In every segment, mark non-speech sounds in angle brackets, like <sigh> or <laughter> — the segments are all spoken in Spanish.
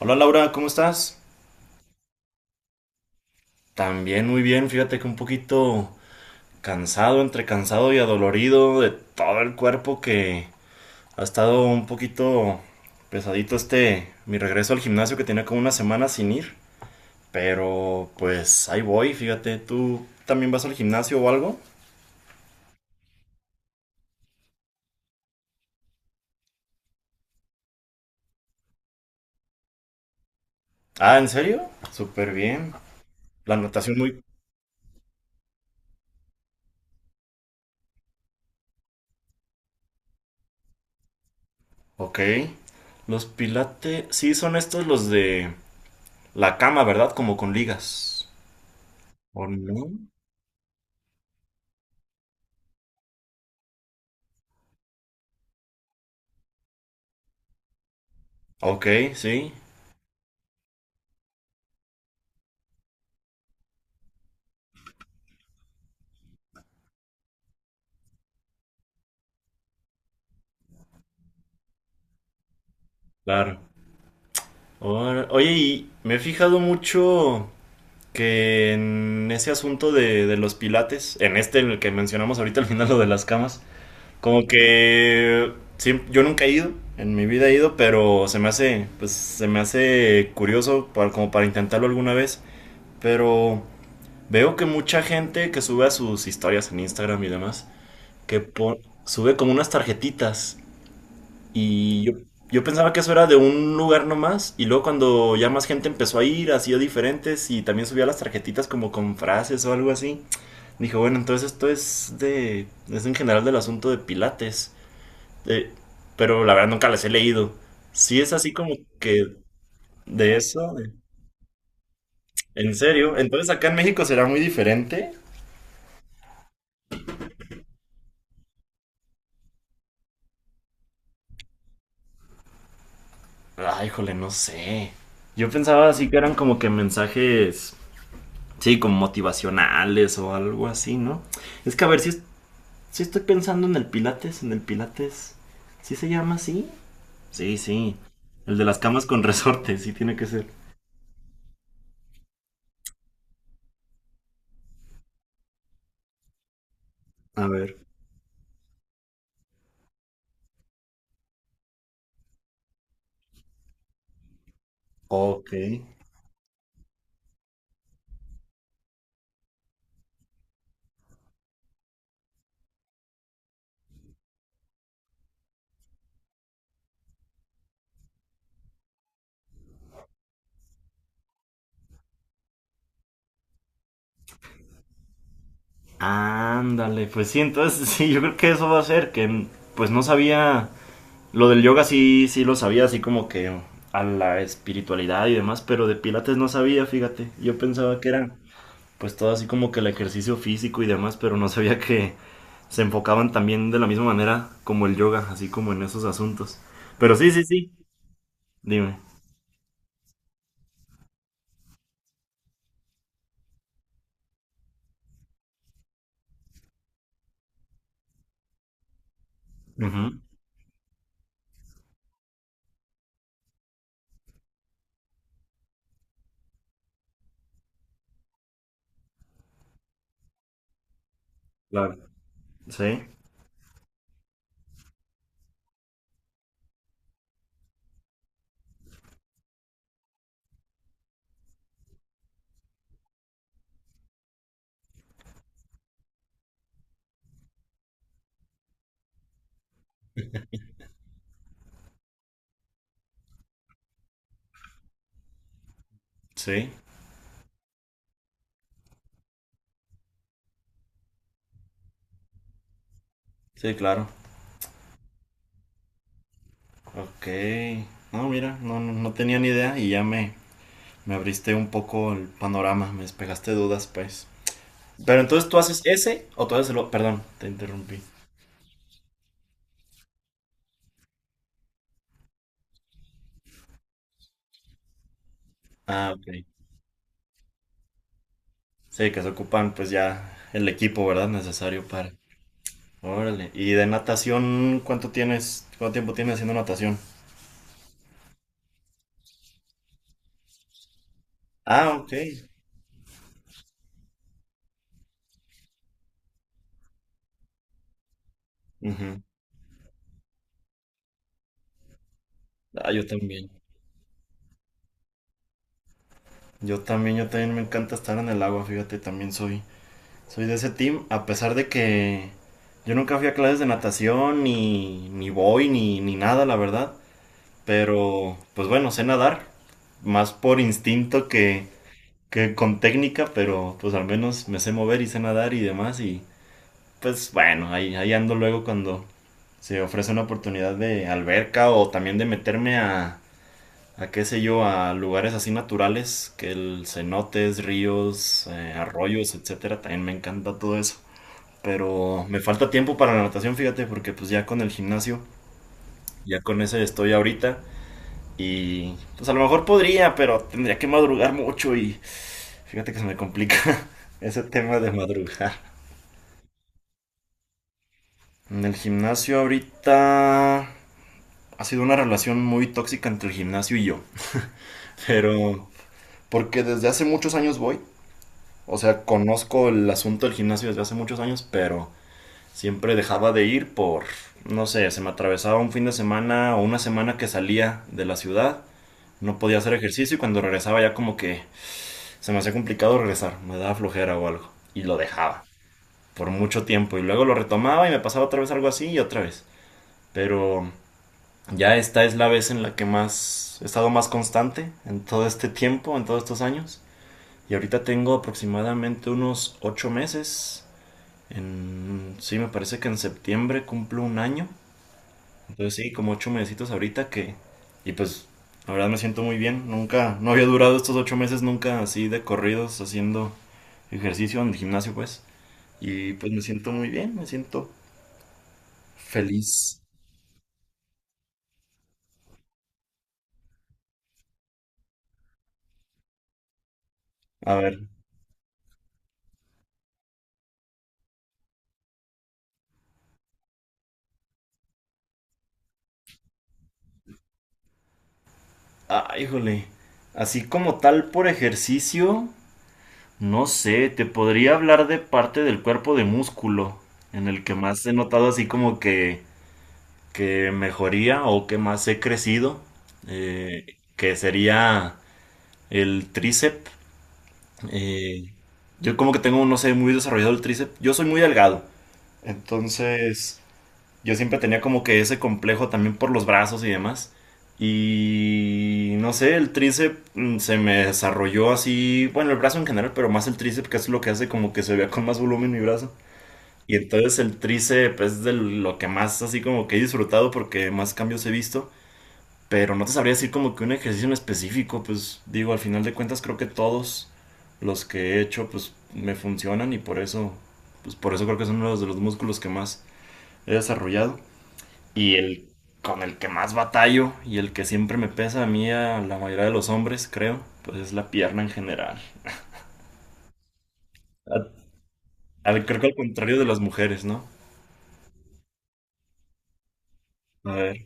Hola Laura, ¿cómo estás? También muy bien, fíjate que un poquito cansado, entre cansado y adolorido de todo el cuerpo que ha estado un poquito pesadito este mi regreso al gimnasio que tenía como una semana sin ir, pero pues ahí voy, fíjate, ¿tú también vas al gimnasio o algo? Ah, ¿en serio? Súper bien. La natación muy... Ok. Los pilates, sí, son estos los de la cama, ¿verdad? Como con ligas. ¿O no? Ok, sí. Claro. Oye, y me he fijado mucho que en ese asunto de los pilates, en este en el que mencionamos ahorita al final lo de las camas, como que yo nunca he ido, en mi vida he ido, pero se me hace, pues se me hace curioso como para intentarlo alguna vez, pero veo que mucha gente que sube a sus historias en Instagram y demás, que sube como unas tarjetitas. Y yo pensaba que eso era de un lugar nomás, y luego cuando ya más gente empezó a ir, hacía diferentes, y también subía las tarjetitas como con frases o algo así. Dije, bueno, entonces esto es es en general del asunto de Pilates. Eh, pero la verdad nunca las he leído. Sí es así como que de eso, en serio. Entonces acá en México será muy diferente. Ay, híjole, no sé. Yo pensaba así que eran como que mensajes, sí, como motivacionales o algo así, ¿no? Es que a ver si sí estoy pensando en el Pilates, en el Pilates. ¿Sí se llama así? Sí, sí. El de las camas con resorte, sí tiene que ser. A ver. Ok. Ándale, pues sí, entonces <laughs> sí, yo creo que eso va a ser, pues no sabía, lo del yoga sí, sí lo sabía, así como que a la espiritualidad y demás, pero de Pilates no sabía, fíjate, yo pensaba que era pues todo así como que el ejercicio físico y demás, pero no sabía que se enfocaban también de la misma manera como el yoga, así como en esos asuntos. Pero sí, sí, sí, dime. Ujú. Claro. Sí, sí, sí, claro. Ok. No, mira, no, no, no tenía ni idea y ya me abriste un poco el panorama, me despejaste dudas, pues. Pero entonces tú haces ese o tú haces el... o- Perdón, te interrumpí. Ah, ok. Sí, que se ocupan pues ya el equipo, ¿verdad? Necesario para... Órale. ¿Y de natación cuánto tiempo tienes haciendo natación? Ah, ok. Ujú. Ah, yo también. Yo también, yo también me encanta estar en el agua, fíjate, también soy, soy de ese team, a pesar de que yo nunca fui a clases de natación, ni voy, ni nada, la verdad. Pero, pues bueno, sé nadar, más por instinto que con técnica, pero pues al menos me sé mover y sé nadar y demás, y, pues bueno, ahí ando luego cuando se ofrece una oportunidad de alberca o también de meterme a qué sé yo, a lugares así naturales, que el cenotes, ríos, arroyos, etcétera, también me encanta todo eso. Pero me falta tiempo para la natación, fíjate, porque pues ya con el gimnasio, ya con ese estoy ahorita. Y pues a lo mejor podría, pero tendría que madrugar mucho y fíjate que se me complica <laughs> ese tema de madrugar. En el gimnasio ahorita ha sido una relación muy tóxica entre el gimnasio y yo. Pero porque desde hace muchos años voy, o sea, conozco el asunto del gimnasio desde hace muchos años, pero siempre dejaba de ir por, no sé, se me atravesaba un fin de semana o una semana que salía de la ciudad, no podía hacer ejercicio y cuando regresaba ya como que se me hacía complicado regresar, me daba flojera o algo y lo dejaba por mucho tiempo y luego lo retomaba y me pasaba otra vez algo así y otra vez. Pero ya esta es la vez en la que más he estado más constante en todo este tiempo, en todos estos años. Y ahorita tengo aproximadamente unos 8 meses. Sí, me parece que en septiembre cumplo un año. Entonces sí, como 8 mesecitos ahorita que... Y pues la verdad me siento muy bien. Nunca, no había durado estos 8 meses nunca así de corridos haciendo ejercicio en el gimnasio pues. Y pues me siento muy bien, me siento feliz. A ver. Ah, híjole. Así como tal por ejercicio. No sé, te podría hablar de parte del cuerpo de músculo, en el que más he notado así como que mejoría o que más he crecido, que sería el tríceps. Eh, yo como que tengo, no sé, muy desarrollado el tríceps. Yo soy muy delgado, entonces yo siempre tenía como que ese complejo también por los brazos y demás. Y no sé, el tríceps se me desarrolló así, bueno, el brazo en general, pero más el tríceps, que es lo que hace como que se vea con más volumen mi brazo. Y entonces el tríceps es de lo que más así como que he disfrutado porque más cambios he visto. Pero no te sabría decir como que un ejercicio en específico, pues digo, al final de cuentas creo que todos los que he hecho pues me funcionan y por eso, pues por eso creo que son uno de los músculos que más he desarrollado. Y el con el que más batallo y el que siempre me pesa a mí, a la mayoría de los hombres, creo, pues es la pierna en general. A- creo que al contrario de las mujeres, ¿no? A ver.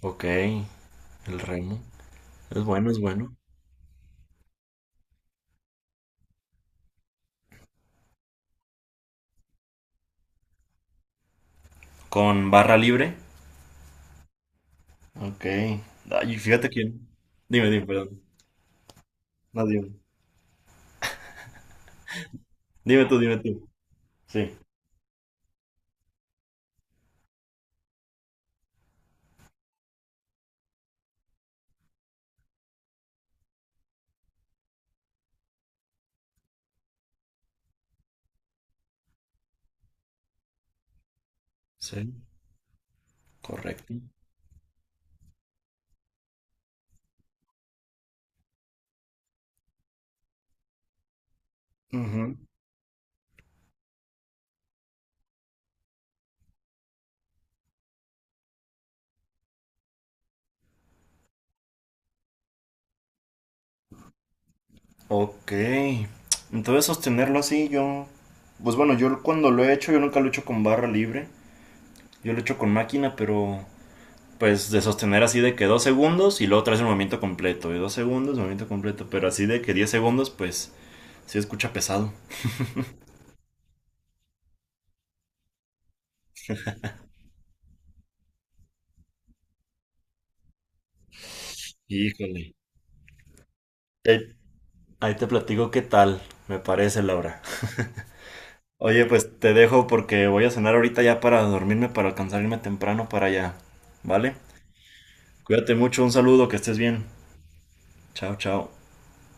Ok, el remo. Es bueno, es bueno. Con barra libre. Ok. Ay, fíjate quién. Dime, dime, perdón. No, dime. Dime tú, dime tú. Sí. Sí. Correcto. Ujú. Ok. Entonces sostenerlo así, yo... Pues bueno, yo cuando lo he hecho, yo nunca lo he hecho con barra libre. Yo lo echo con máquina, pero pues de sostener así de que 2 segundos y luego traes el movimiento completo. Y 2 segundos, movimiento completo. Pero así de que 10 segundos, pues sí escucha pesado. Híjole. Ahí ahí te platico qué tal, me parece, Laura. Oye, pues te dejo porque voy a cenar ahorita ya para dormirme, para alcanzar irme temprano para allá. ¿Vale? Cuídate mucho, un saludo, que estés bien. Chao, chao.